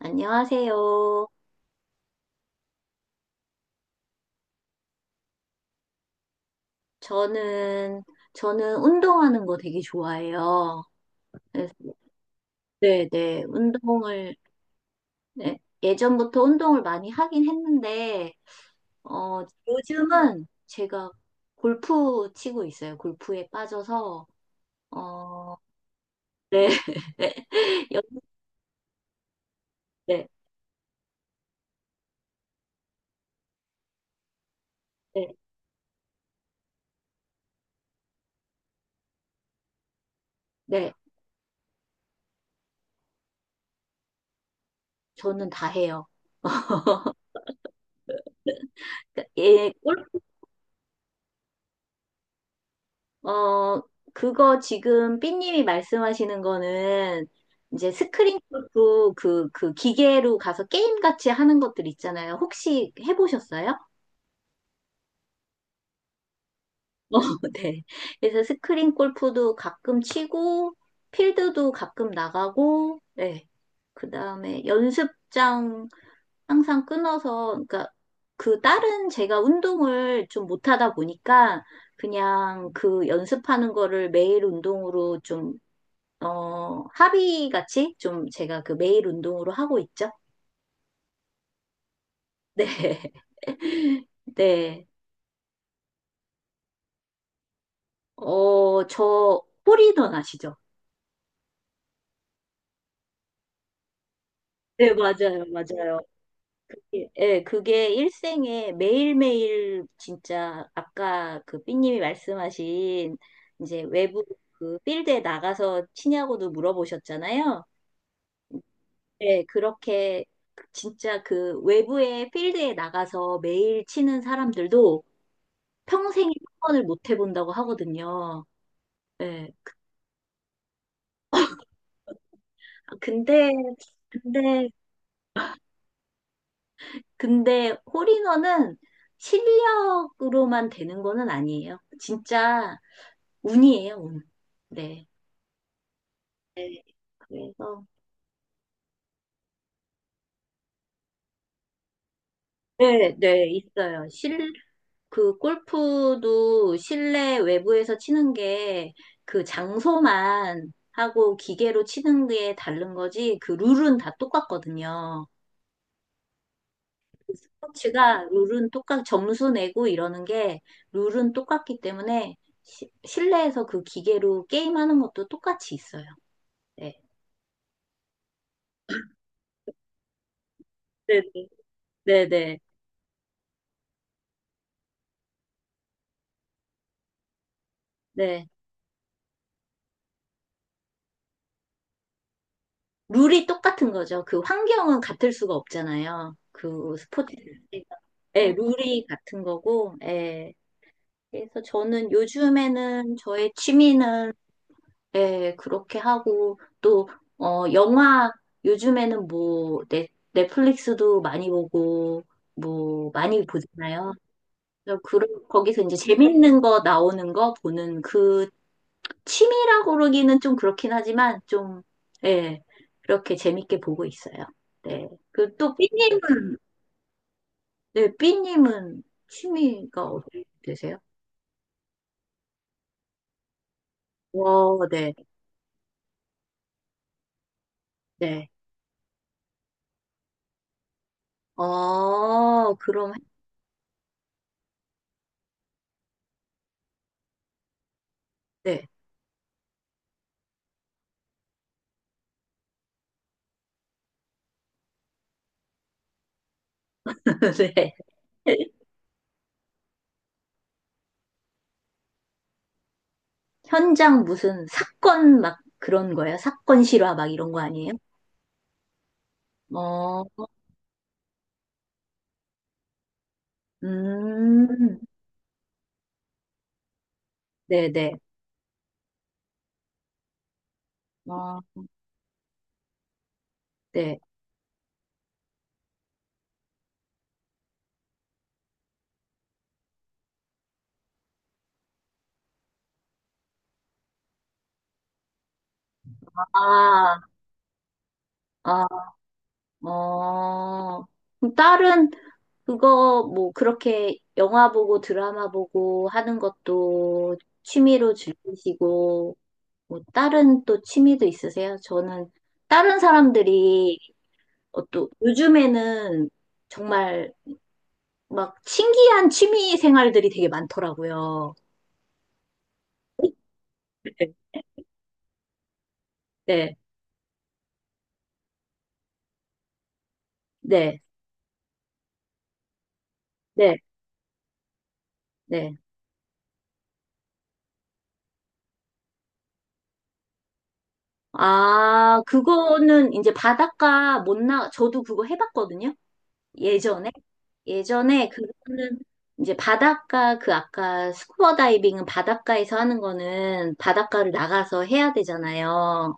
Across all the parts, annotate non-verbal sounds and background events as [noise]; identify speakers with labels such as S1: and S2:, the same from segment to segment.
S1: 안녕하세요. 저는, 저는 운동하는 거 되게 좋아해요. 그래서- 네, 네. 운동을, 네, 예전부터 운동을 많이 하긴 했는데, 어, 요즘은 제가 골프 치고 있어요. 골프에 빠져서, 어, 네, [laughs] 네, 네, 네. 저는 다 해요. 그러니까 예, 어, 그거 지금 삐님이 말씀하시는 거는 이제 스크린 골프 그, 그 기계로 가서 게임같이 하는 것들 있잖아요. 혹시 해보셨어요? [laughs] 어, 네. 그래서 스크린 골프도 가끔 치고, 필드도 가끔 나가고, 네. 그 다음에 연습장 항상 끊어서, 그러니까 그 다른 제가 운동을 좀 못하다 보니까 그냥 그 연습하는 거를 매일 운동으로 좀 합의 같이 좀 제가 그 매일 운동으로 하고 있죠? 네. [laughs] 네. 어, 저 홀이던 아시죠? 네, 맞아요, 맞아요. 예, 예, 그게 일생에 매일매일 진짜 아까 그 삐님이 말씀하신 이제 외부 그 필드에 나가서 치냐고도 물어보셨잖아요. 예, 그렇게 진짜 그 외부의 필드에 나가서 매일 치는 사람들도 평생에 한 번을 못 해본다고 하거든요. 예. 아, 근데, 근데, 근데 홀인원은 실력으로만 되는 거는 아니에요. 진짜 운이에요, 운. 네. 네. 그래서, 네, 네, 있어요. 실, 그 골프도 실내 외부에서 치는 게 그 장소만 하고 기계로 치는 게 다른 거지 그 룰은 다 똑같거든요. 스포츠가 룰은 똑같, 점수 내고 이러는 게 룰은 똑같기 때문에 실내에서 그 기계로 게임하는 것도 똑같이 있어요. 네. 네, 네, 네. 네. 룰이 똑같은 거죠. 그 환경은 같을 수가 없잖아요. 그 스포츠 자체가. 네, 룰이 같은 거고, 예. 그래서 저는 요즘에는 저의 취미는 네, 그렇게 하고, 또, 영화, 요즘에는 뭐, 넷플릭스도 많이 보고, 뭐, 많이 보잖아요. 그래서 그, 거기서 이제 재밌는 거 나오는 거 보는 그 취미라고 그러기는 좀 그렇긴 하지만, 좀, 예, 그렇게 재밌게 보고 있어요. 네. 그, 또, 삐님은, 네, 삐님은 취미가 어떻게 되세요? 와, 네, 네. 어, 그럼, 네. [laughs] 네. 현장 무슨 사건 막 그런 거예요? 사건 실화 막 이런 거 아니에요? 어, 음, 네네. 어, 네. 아, 아, 어. 그럼 딸은 그거 뭐 그렇게 영화 보고 드라마 보고 하는 것도 취미로 즐기시고, 뭐 다른 또 취미도 있으세요? 저는 다른 사람들이 어, 또 요즘에는 정말 막 신기한 취미 생활들이 되게 많더라고요. 네. 네, 네, 네, 네. 아, 그거는 이제 바닷가 못 나, 저도 그거 해봤거든요. 예전에. 예전에 그거는 이제 바닷가, 그 아까 스쿠버 다이빙은 바닷가에서 하는 거는 바닷가를 나가서 해야 되잖아요.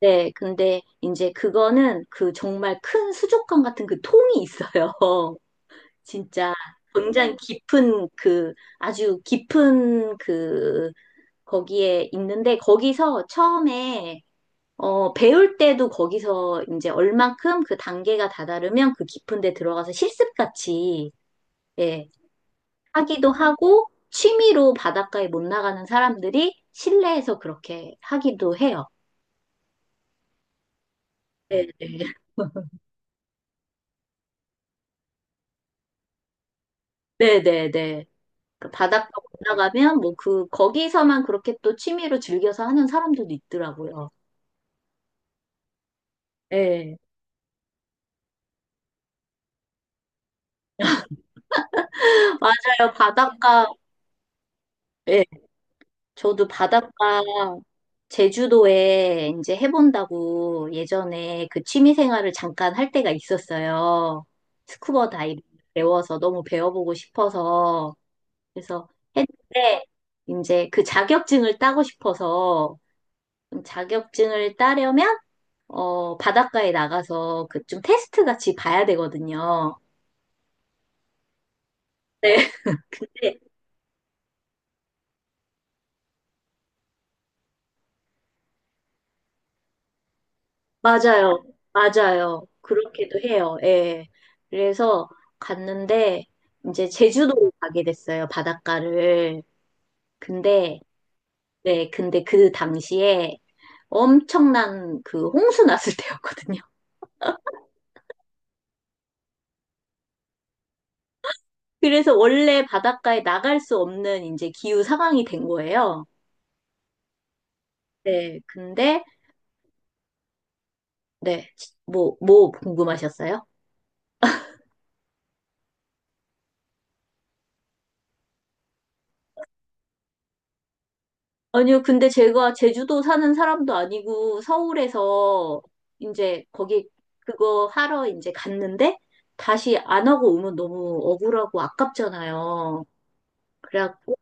S1: 네, 근데 이제 그거는 그 정말 큰 수족관 같은 그 통이 있어요. 진짜 굉장히 깊은 그 아주 깊은 그 거기에 있는데 거기서 처음에 배울 때도 거기서 이제 얼만큼 그 단계가 다다르면 그 깊은 데 들어가서 실습같이 예 하기도 하고 취미로 바닷가에 못 나가는 사람들이 실내에서 그렇게 하기도 해요. 네, 네, [laughs] 네, 네. 그 바닷가 못 나가면 뭐 그 거기서만 그렇게 또 취미로 즐겨서 하는 사람들도 있더라고요. 예. 맞아요. 바닷가, 예. 저도 바닷가 제주도에 이제 해본다고 예전에 그 취미 생활을 잠깐 할 때가 있었어요. 스쿠버 다이빙 배워서 너무 배워보고 싶어서. 그래서 했는데 이제 그 자격증을 따고 싶어서 자격증을 따려면 바닷가에 나가서 그 좀 테스트 같이 봐야 되거든요. 네. [laughs] 맞아요. 맞아요. 그렇게도 해요. 예. 그래서 갔는데 이제 제주도로 가게 됐어요. 바닷가를. 근데 네, 근데 그 당시에 엄청난 그 홍수 났을 [laughs] 때였거든요. 그래서 원래 바닷가에 나갈 수 없는 이제 기후 상황이 된 거예요. 네, 근데 네, 뭐 뭐 궁금하셨어요? 아니요, 근데 제가 제주도 사는 사람도 아니고 서울에서 이제 거기 그거 하러 이제 갔는데 다시 안 하고 오면 너무 억울하고 아깝잖아요. 그래갖고,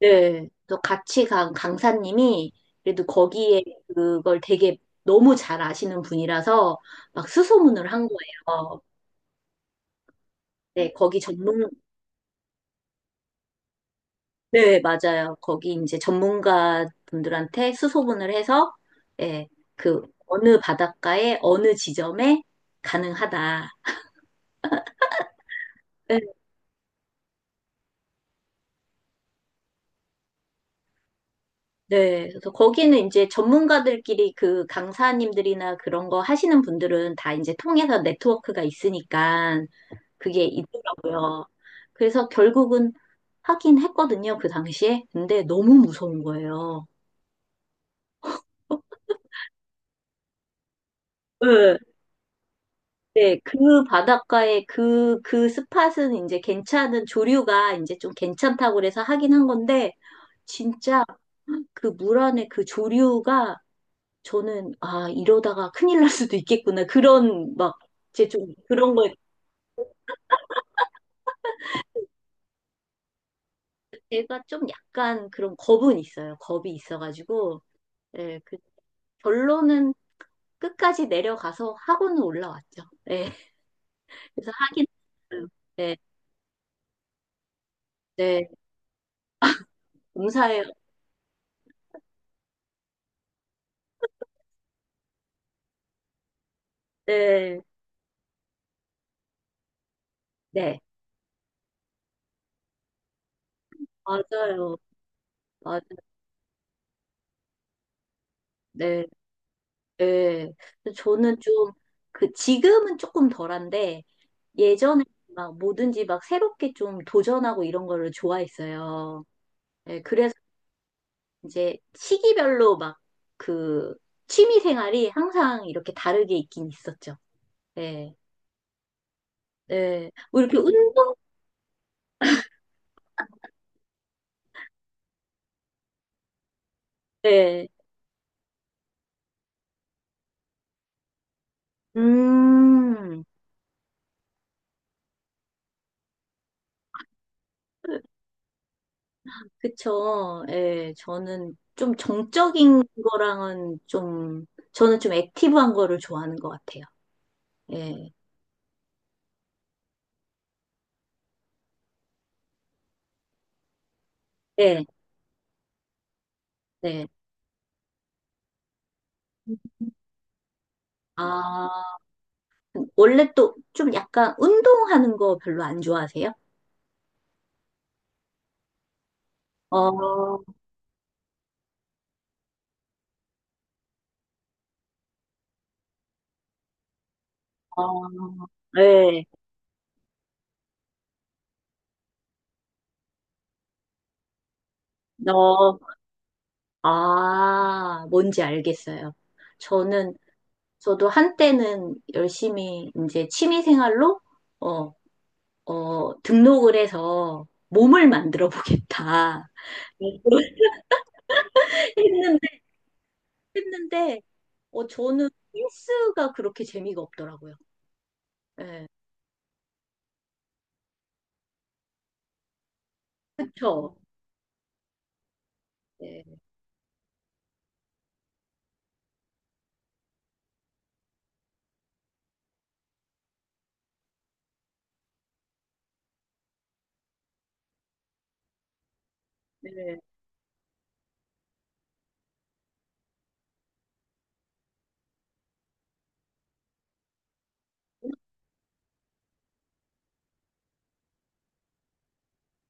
S1: 네. 또 같이 간 강사님이 그래도 거기에 그걸 되게 너무 잘 아시는 분이라서 막 수소문을 한 거예요. 네, 거기 전문, 네, 맞아요. 거기 이제 전문가 분들한테 수소문을 해서, 예, 그 어느 바닷가에 어느 지점에 가능하다. 네, 네. 그래서 거기는 이제 전문가들끼리 그 강사님들이나 그런 거 하시는 분들은 다 이제 통해서 네트워크가 있으니까 그게 있더라고요. 그래서 결국은 하긴 했거든요, 그 당시에. 근데 너무 무서운 거예요. 네. 네, 그 바닷가에 그, 그 스팟은 이제 괜찮은, 조류가 이제 좀 괜찮다고 그래서 하긴 한 건데, 진짜 그 물 안에 그 조류가 저는, 아, 이러다가 큰일 날 수도 있겠구나. 그런, 막, 이제 좀 그런 거에, 제가 좀 약간 그런 겁은 있어요. 겁이 있어가지고, 예, 그 결론은 끝까지 내려가서 하고는 올라왔죠. 예, 그래서 하긴, 했어요. 네, 네, 감사해요. 네, 네, 맞아요. 맞아요. 네, 네. 그래서 저는 좀, 그, 지금은 조금 덜한데, 예전에 막 뭐든지 막 새롭게 좀 도전하고 이런 거를 좋아했어요. 네, 그래서 이제 시기별로 막 그, 취미 생활이 항상 이렇게 다르게 있긴 있었죠. 네, 네. 뭐 이렇게 운동, 네. 음, 그쵸. 예, 저는 좀 정적인 거랑은 좀, 저는 좀 액티브한 거를 좋아하는 것 같아요. 예. 네, 네. 아, 원래 또 좀 약간 운동하는 거 별로 안 좋아하세요? 어, 어, 네, 너, 아, 뭔지 알겠어요. 저는, 저도 한때는 열심히 이제 취미 생활로, 어, 등록을 해서 몸을 만들어 보겠다. [laughs] 했는데, 했는데, 저는 헬스가 그렇게 재미가 없더라고요. 예. 그쵸? 예, 예,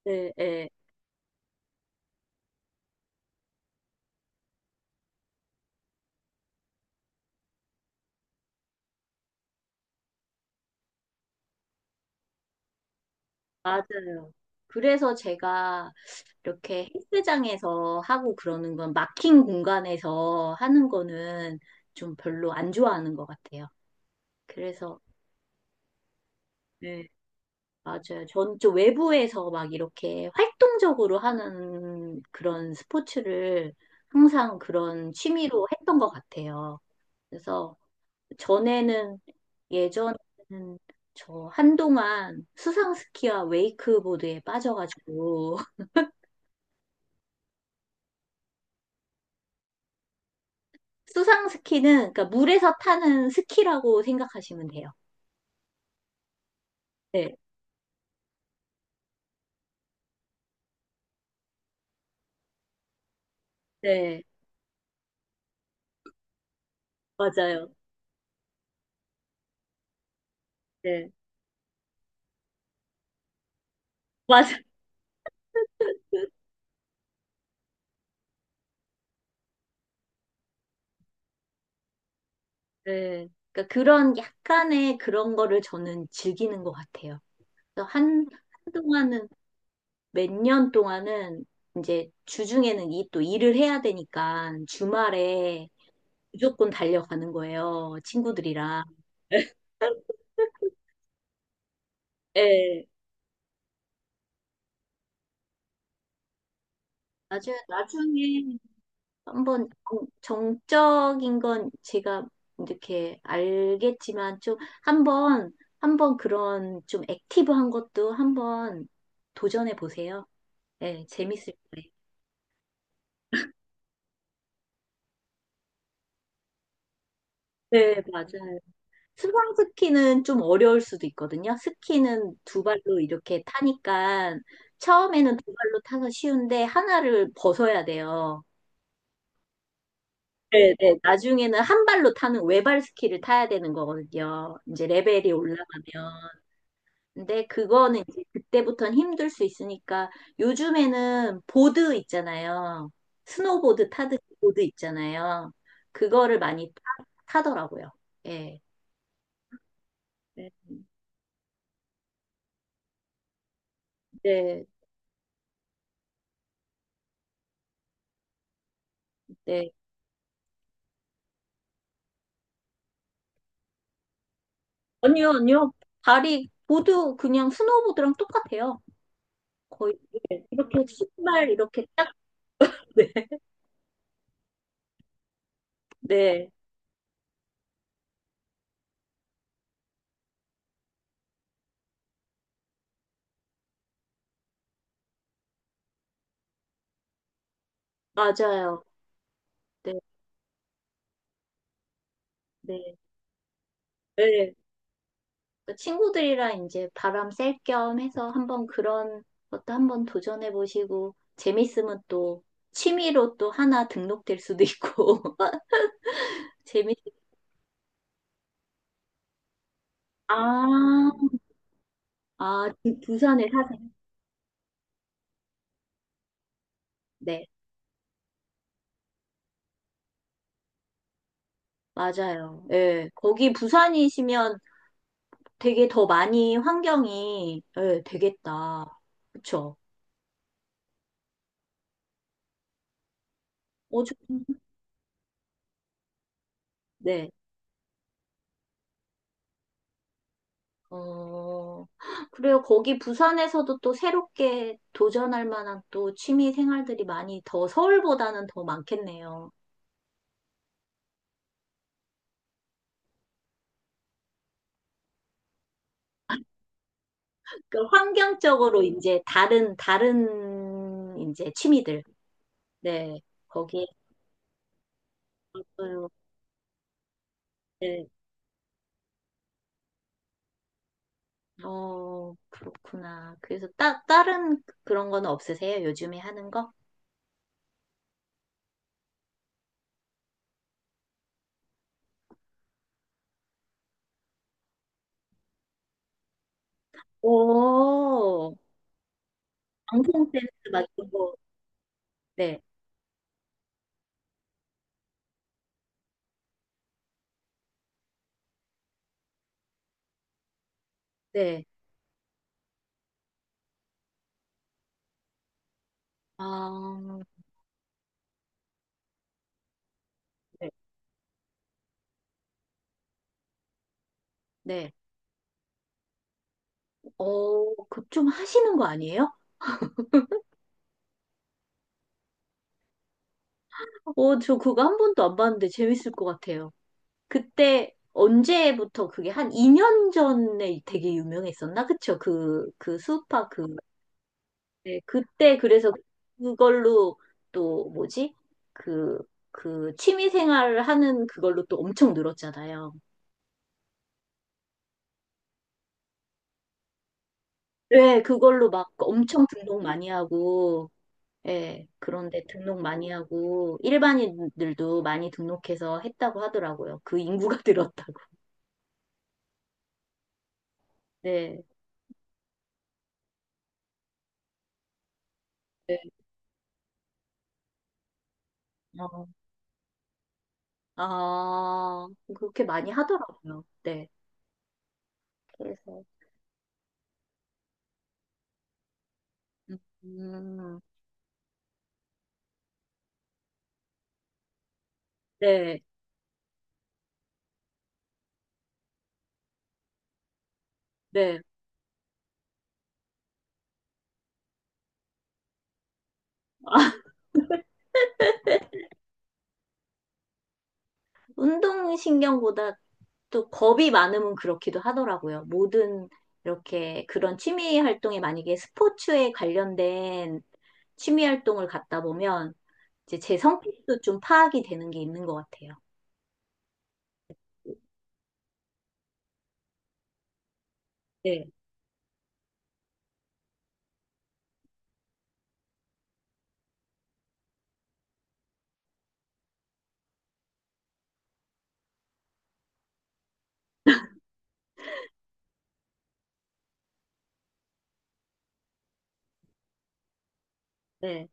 S1: 예, 예. 맞아요. 그래서 제가 이렇게 헬스장에서 하고 그러는 건 막힌 공간에서 하는 거는 좀 별로 안 좋아하는 것 같아요. 그래서, 네, 맞아요. 전 좀 외부에서 막 이렇게 활동적으로 하는 그런 스포츠를 항상 그런 취미로 했던 것 같아요. 그래서 전에는 예전에는 저 한동안 수상스키와 웨이크보드에 빠져가지고 수상 스키는 그러니까 물에서 타는 스키라고 생각하시면 돼요. 네, 네, 맞아요. 네, 맞아. 네, 그러니까 그런 약간의 그런 거를 저는 즐기는 것 같아요. 그래서 한 한동안은 몇 년 동안은 이제 주중에는 이 또 일을 해야 되니까 주말에 무조건 달려가는 거예요. 친구들이랑. [laughs] 예. 나중에 나중에 한번 정적인 건 제가 이렇게 알겠지만 좀 한번 한번 그런 좀 액티브한 것도 한번 도전해 보세요. 네, 재밌을 거예요. 네, 맞아요. 수상 스키는 좀 어려울 수도 있거든요. 스키는 두 발로 이렇게 타니까 처음에는 두 발로 타서 쉬운데 하나를 벗어야 돼요. 네, 네. 나중에는 한 발로 타는 외발 스키를 타야 되는 거거든요. 이제 레벨이 올라가면. 근데 그거는 이제 그때부터는 힘들 수 있으니까 요즘에는 보드 있잖아요. 스노보드 타듯이 보드 있잖아요. 그거를 많이 타, 더라고요 예. 네, 네. 네. 아니요, 아니요. 발이 보드 그냥 스노보드랑 똑같아요. 거의 예, 이렇게 신발 이렇게 딱 [laughs] 네. 네. 맞아요. 네. 네. 네. 그 친구들이랑 이제 바람 쐴 겸 해서 한번 그런 것도 한번 도전해 보시고 재밌으면 또 취미로 또 하나 등록될 수도 있고 [laughs] 재밌 아, 아 부산에 사세요. 네. 맞아요. 예. 거기 부산이시면 되게 더 많이 환경이 예, 되겠다. 그쵸? 어, 네. 어, 그래요. 거기 부산에서도 또 새롭게 도전할 만한 또 취미 생활들이 많이 더 서울보다는 더 많겠네요. 그 환경적으로 이제 다른 이제 취미들. 네. 거기에 있어요. 네. 어, 그렇구나. 그래서 다른 그런 건 없으세요? 요즘에 하는 거? 오, 방송 댄스 막 이런 거. 네. 네. 아, 네. 네. 어, 그 좀 하시는 거 아니에요? 어, 저 그거 한 번도 안 봤는데 재밌을 것 같아요. 그때 언제부터 그게 한 2년 전에 되게 유명했었나? 그쵸? 그, 그 수우파 그, 네, 그때 그래서 그걸로 또 뭐지? 그, 그 취미생활 하는 그걸로 또 엄청 늘었잖아요. 네, 그걸로 막 엄청 등록 많이 하고, 예, 그런데 등록 많이 하고, 일반인들도 많이 등록해서 했다고 하더라고요. 그 인구가 [laughs] 늘었다고. 네. 네. 어. 아, 그렇게 많이 하더라고요. 네. 그래서 음, 네, 네. [laughs] 운동신경보다 또 겁이 많으면 그렇기도 하더라고요. 모든 이렇게 그런 취미 활동에 만약에 스포츠에 관련된 취미 활동을 갖다 보면 이제 제 성격도 좀 파악이 되는 게 있는 것 같아요. 네, 네.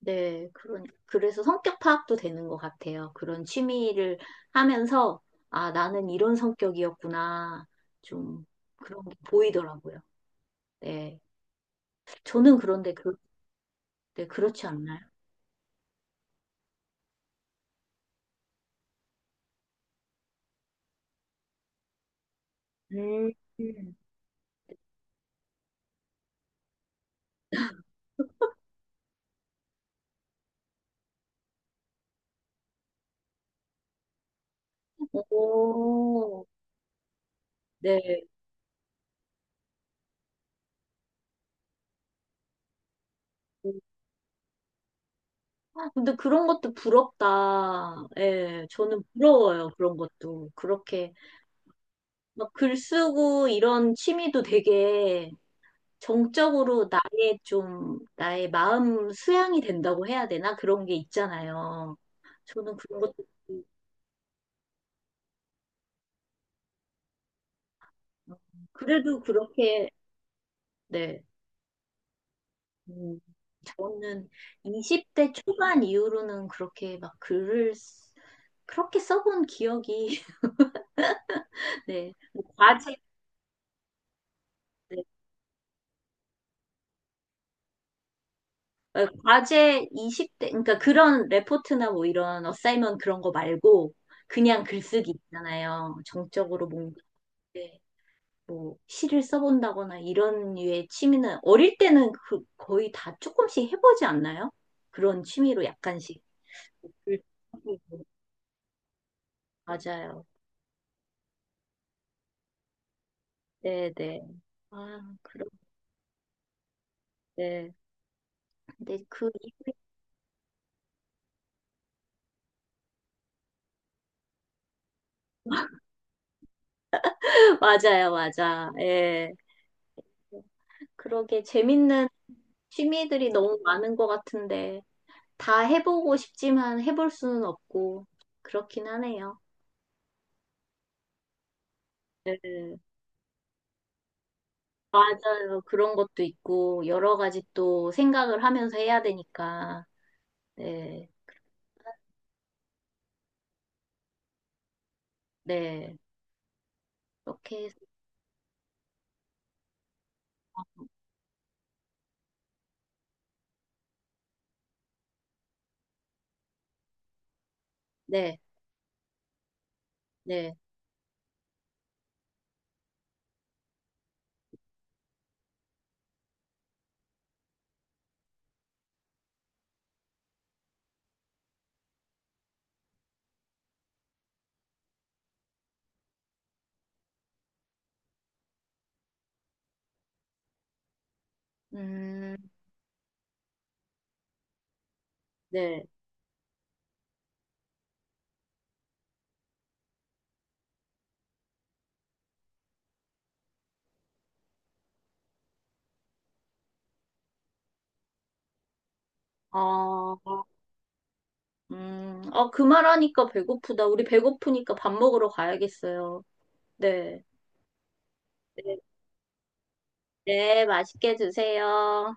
S1: 네, 그런, 그래서 성격 파악도 되는 것 같아요. 그런 취미를 하면서, 아, 나는 이런 성격이었구나. 좀, 그런 게 보이더라고요. 네. 저는 그런데, 그, 네, 그렇지 않나요? 음. 음. 오, 네. 근데 그런 것도 부럽다. 예, 저는 부러워요. 그런 것도. 그렇게, 막 글 쓰고 이런 취미도 되게 정적으로 나의 좀, 나의 마음 수양이 된다고 해야 되나? 그런 게 있잖아요. 저는 그런 것도, 있고. 그래도 그렇게, 네. 음, 저는 20대 초반 이후로는 그렇게 막 글을, 그렇게 써본 기억이, [laughs] 네. 뭐 과제, 네. 어, 과제 20대, 그러니까 그런 레포트나 뭐 이런 어사이먼 그런 거 말고, 그냥 글쓰기 있잖아요. 정적으로 뭔가. 네. 뭐 시를 써본다거나 이런 류의 취미는 어릴 때는 그 거의 다 조금씩 해보지 않나요? 그런 취미로 약간씩. 맞아요. 네네. 아, 그럼 네. 근데 그, [laughs] 맞아요, 맞아. 예. 그러게 재밌는 취미들이 너무 많은 것 같은데, 다 해보고 싶지만 해볼 수는 없고, 그렇긴 하네요. 네. 맞아요. 그런 것도 있고, 여러 가지 또 생각을 하면서 해야 되니까. 네, 네, 이렇게, 네, 네, 음, 네, 어, 어, 그 말하니까 배고프다. 우리 배고프니까 밥 먹으러 가야겠어요. 네, 네, 네, 맛있게 드세요.